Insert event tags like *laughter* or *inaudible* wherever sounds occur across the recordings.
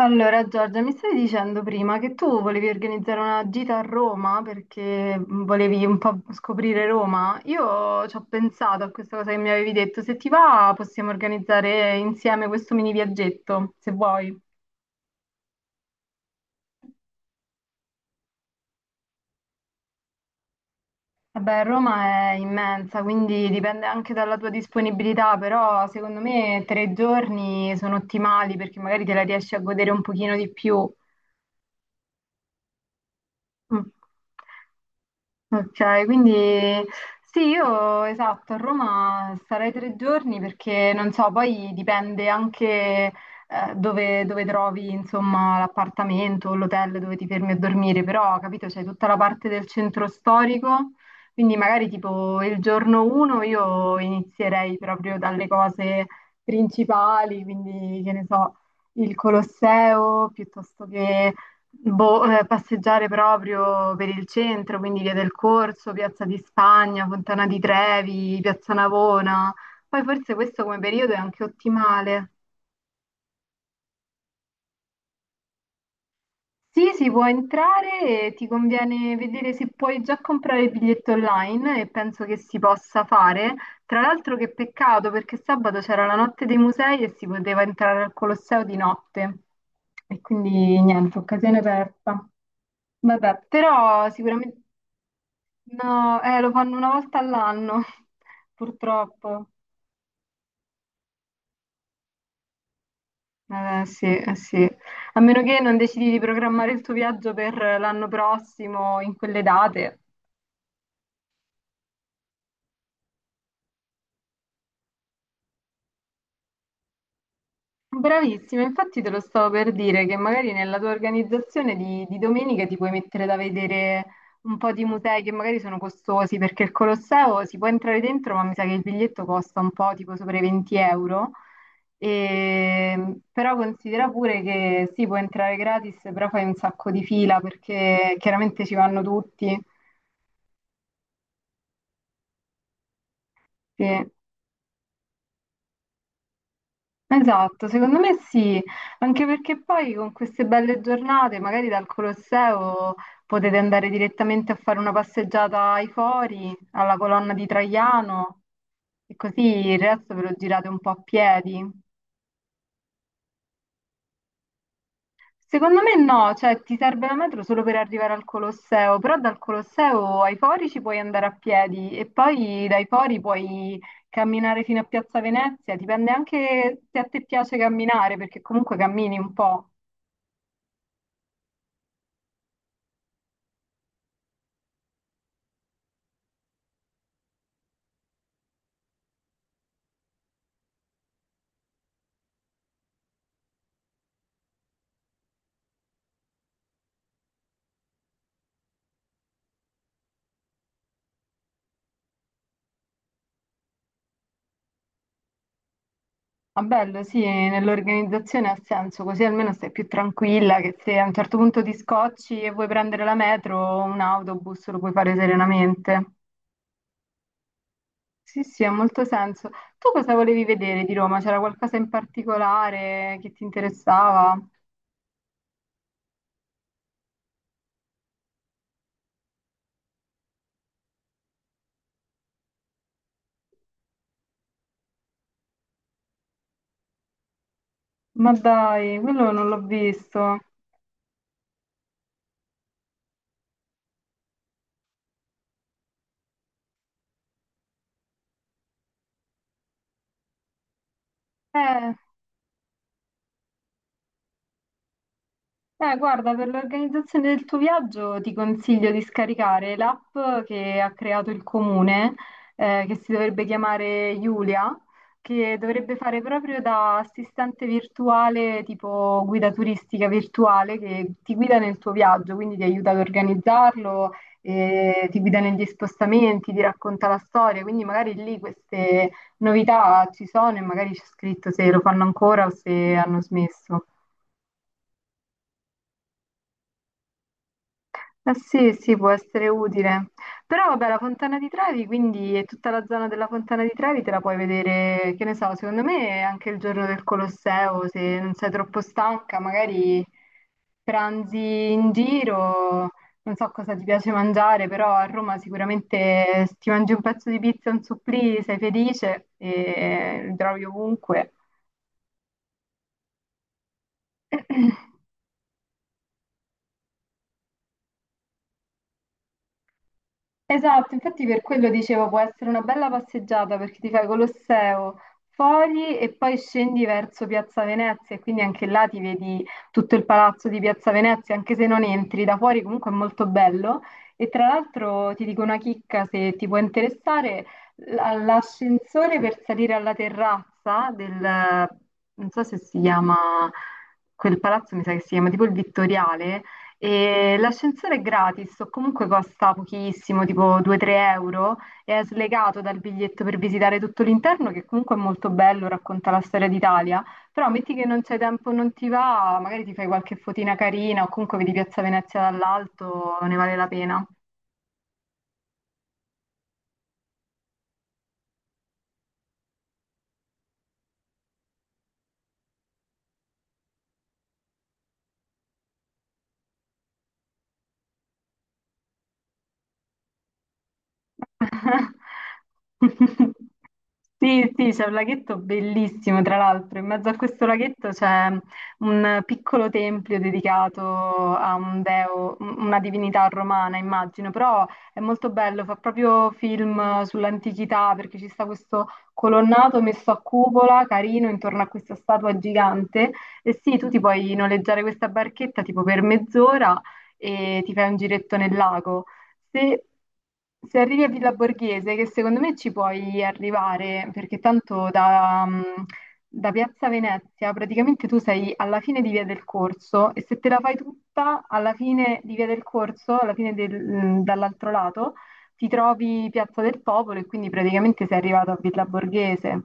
Allora, Giorgia, mi stavi dicendo prima che tu volevi organizzare una gita a Roma perché volevi un po' scoprire Roma. Io ci ho pensato a questa cosa che mi avevi detto. Se ti va, possiamo organizzare insieme questo mini viaggetto, se vuoi. Vabbè, Roma è immensa, quindi dipende anche dalla tua disponibilità, però secondo me tre giorni sono ottimali perché magari te la riesci a godere un pochino di più. Mm. Ok, quindi sì, io esatto, a Roma starei tre giorni perché non so, poi dipende anche dove trovi insomma l'appartamento o l'hotel dove ti fermi a dormire, però capito, c'è tutta la parte del centro storico, quindi magari tipo il giorno uno io inizierei proprio dalle cose principali, quindi che ne so, il Colosseo piuttosto che Boh, passeggiare proprio per il centro, quindi Via del Corso, Piazza di Spagna, Fontana di Trevi, Piazza Navona. Poi forse questo come periodo è anche ottimale. Sì, si può entrare e ti conviene vedere se puoi già comprare il biglietto online e penso che si possa fare. Tra l'altro che peccato perché sabato c'era la notte dei musei e si poteva entrare al Colosseo di notte. E quindi niente, occasione persa. Vabbè, però sicuramente... No, lo fanno una volta all'anno, *laughs* purtroppo. Sì, sì. A meno che non decidi di programmare il tuo viaggio per l'anno prossimo, in quelle date. Bravissima, infatti te lo stavo per dire che magari nella tua organizzazione di domenica ti puoi mettere da vedere un po' di musei che magari sono costosi perché il Colosseo si può entrare dentro, ma mi sa che il biglietto costa un po' tipo sopra i 20 euro. E, però considera pure che si può entrare gratis, però fai un sacco di fila perché chiaramente ci vanno tutti. Sì. Esatto, secondo me sì, anche perché poi con queste belle giornate, magari dal Colosseo potete andare direttamente a fare una passeggiata ai Fori, alla colonna di Traiano e così il resto ve lo girate un po' a piedi. Secondo me no, cioè ti serve la metro solo per arrivare al Colosseo, però dal Colosseo ai Fori ci puoi andare a piedi e poi dai Fori puoi camminare fino a Piazza Venezia, dipende anche se a te piace camminare, perché comunque cammini un po'. Ma bello, sì, nell'organizzazione ha senso, così almeno stai più tranquilla che se a un certo punto ti scocci e vuoi prendere la metro o un autobus lo puoi fare serenamente. Sì, sì, ha molto senso. Tu cosa volevi vedere di Roma? C'era qualcosa in particolare che ti interessava? Ma dai, quello non l'ho visto. Eh, guarda, per l'organizzazione del tuo viaggio ti consiglio di scaricare l'app che ha creato il comune, che si dovrebbe chiamare Giulia, che dovrebbe fare proprio da assistente virtuale, tipo guida turistica virtuale, che ti guida nel tuo viaggio, quindi ti aiuta ad organizzarlo, ti guida negli spostamenti, ti racconta la storia, quindi magari lì queste novità ci sono e magari c'è scritto se lo fanno ancora o se hanno smesso. Eh sì, sì, può essere utile. Però vabbè, la Fontana di Trevi, quindi e tutta la zona della Fontana di Trevi te la puoi vedere, che ne so, secondo me anche il giorno del Colosseo, se non sei troppo stanca, magari pranzi in giro, non so cosa ti piace mangiare, però a Roma sicuramente se ti mangi un pezzo di pizza, un supplì, sei felice e li trovi ovunque. Esatto, infatti per quello dicevo può essere una bella passeggiata perché ti fai Colosseo fuori e poi scendi verso Piazza Venezia e quindi anche là ti vedi tutto il palazzo di Piazza Venezia, anche se non entri da fuori comunque è molto bello. E tra l'altro ti dico una chicca se ti può interessare, l- l'ascensore per salire alla terrazza del, non so se si chiama, quel palazzo mi sa che si chiama tipo il Vittoriale, e l'ascensore è gratis o comunque costa pochissimo, tipo 2-3 euro, e è slegato dal biglietto per visitare tutto l'interno, che comunque è molto bello, racconta la storia d'Italia. Però metti che non c'è tempo, non ti va, magari ti fai qualche fotina carina o comunque vedi Piazza Venezia dall'alto, ne vale la pena. *laughs* Sì, sì, c'è un laghetto bellissimo, tra l'altro. In mezzo a questo laghetto c'è un piccolo tempio dedicato a un deo, una divinità romana, immagino, però è molto bello, fa proprio film sull'antichità perché ci sta questo colonnato messo a cupola, carino, intorno a questa statua gigante. E sì, tu ti puoi noleggiare questa barchetta tipo per mezz'ora e ti fai un giretto nel lago. Se, se arrivi a Villa Borghese, che secondo me ci puoi arrivare, perché tanto da, da Piazza Venezia praticamente tu sei alla fine di Via del Corso e se te la fai tutta alla fine di Via del Corso, dall'altro lato, ti trovi Piazza del Popolo e quindi praticamente sei arrivato a Villa Borghese.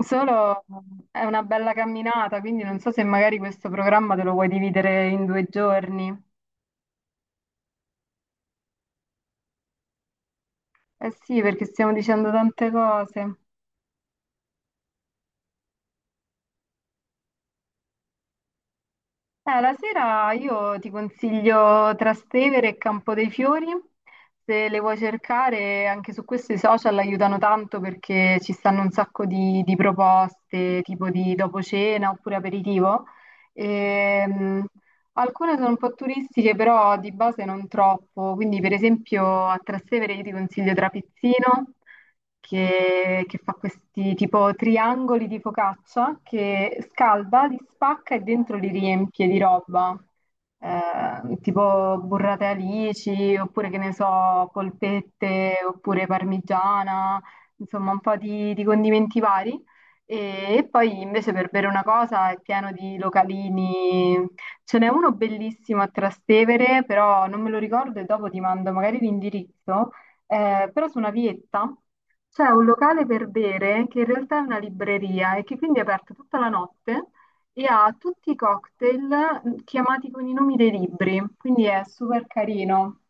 Solo è una bella camminata, quindi non so se magari questo programma te lo vuoi dividere in due giorni. Eh sì, perché stiamo dicendo tante cose. La sera io ti consiglio Trastevere e Campo dei Fiori, se le vuoi cercare anche su questi social aiutano tanto perché ci stanno un sacco di proposte tipo di dopo cena oppure aperitivo. Ehm, Alcune sono un po' turistiche, però di base non troppo. Quindi, per esempio, a Trastevere io ti consiglio Trapizzino, che fa questi tipo triangoli di focaccia che scalda, li spacca e dentro li riempie di roba. Tipo burrate alici, oppure che ne so, polpette, oppure parmigiana, insomma, un po' di condimenti vari. E poi invece per bere una cosa è pieno di localini. Ce n'è uno bellissimo a Trastevere, però non me lo ricordo e dopo ti mando magari l'indirizzo. Però su una vietta c'è un locale per bere che in realtà è una libreria e che quindi è aperto tutta la notte e ha tutti i cocktail chiamati con i nomi dei libri, quindi è super carino.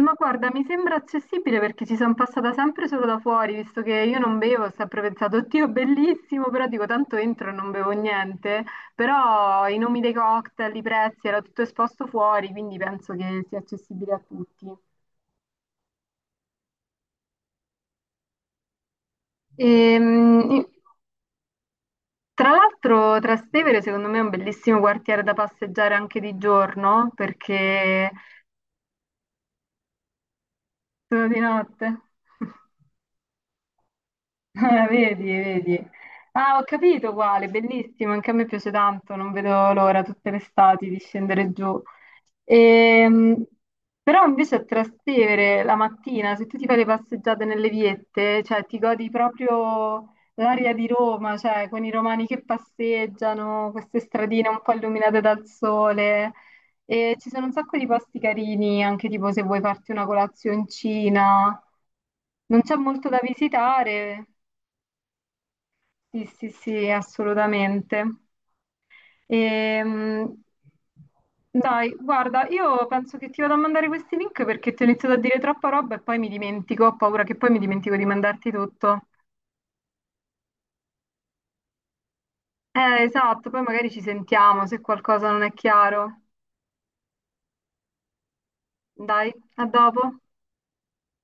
Ma guarda, mi sembra accessibile perché ci sono passata sempre solo da fuori, visto che io non bevo, ho sempre pensato, oddio, bellissimo, però dico tanto entro e non bevo niente, però i nomi dei cocktail, i prezzi, era tutto esposto fuori, quindi penso che sia accessibile a tutti. Ehm, tra l'altro Trastevere secondo me è un bellissimo quartiere da passeggiare anche di giorno, perché sono di notte. *laughs* *laughs* Ah, vedi, vedi. Ah, ho capito quale, bellissimo, anche a me piace tanto, non vedo l'ora tutte le estati di scendere giù. Ehm, però invece a Trastevere la mattina, se tu ti fai le passeggiate nelle viette, cioè ti godi proprio l'aria di Roma, cioè con i romani che passeggiano, queste stradine un po' illuminate dal sole. E ci sono un sacco di posti carini, anche tipo se vuoi farti una colazioncina. Non c'è molto da visitare, sì, sì, sì, assolutamente. Ehm, dai, guarda, io penso che ti vado a mandare questi link perché ti ho iniziato a dire troppa roba e poi mi dimentico, ho paura che poi mi dimentico di mandarti tutto. Esatto, poi magari ci sentiamo se qualcosa non è chiaro. Dai, a dopo.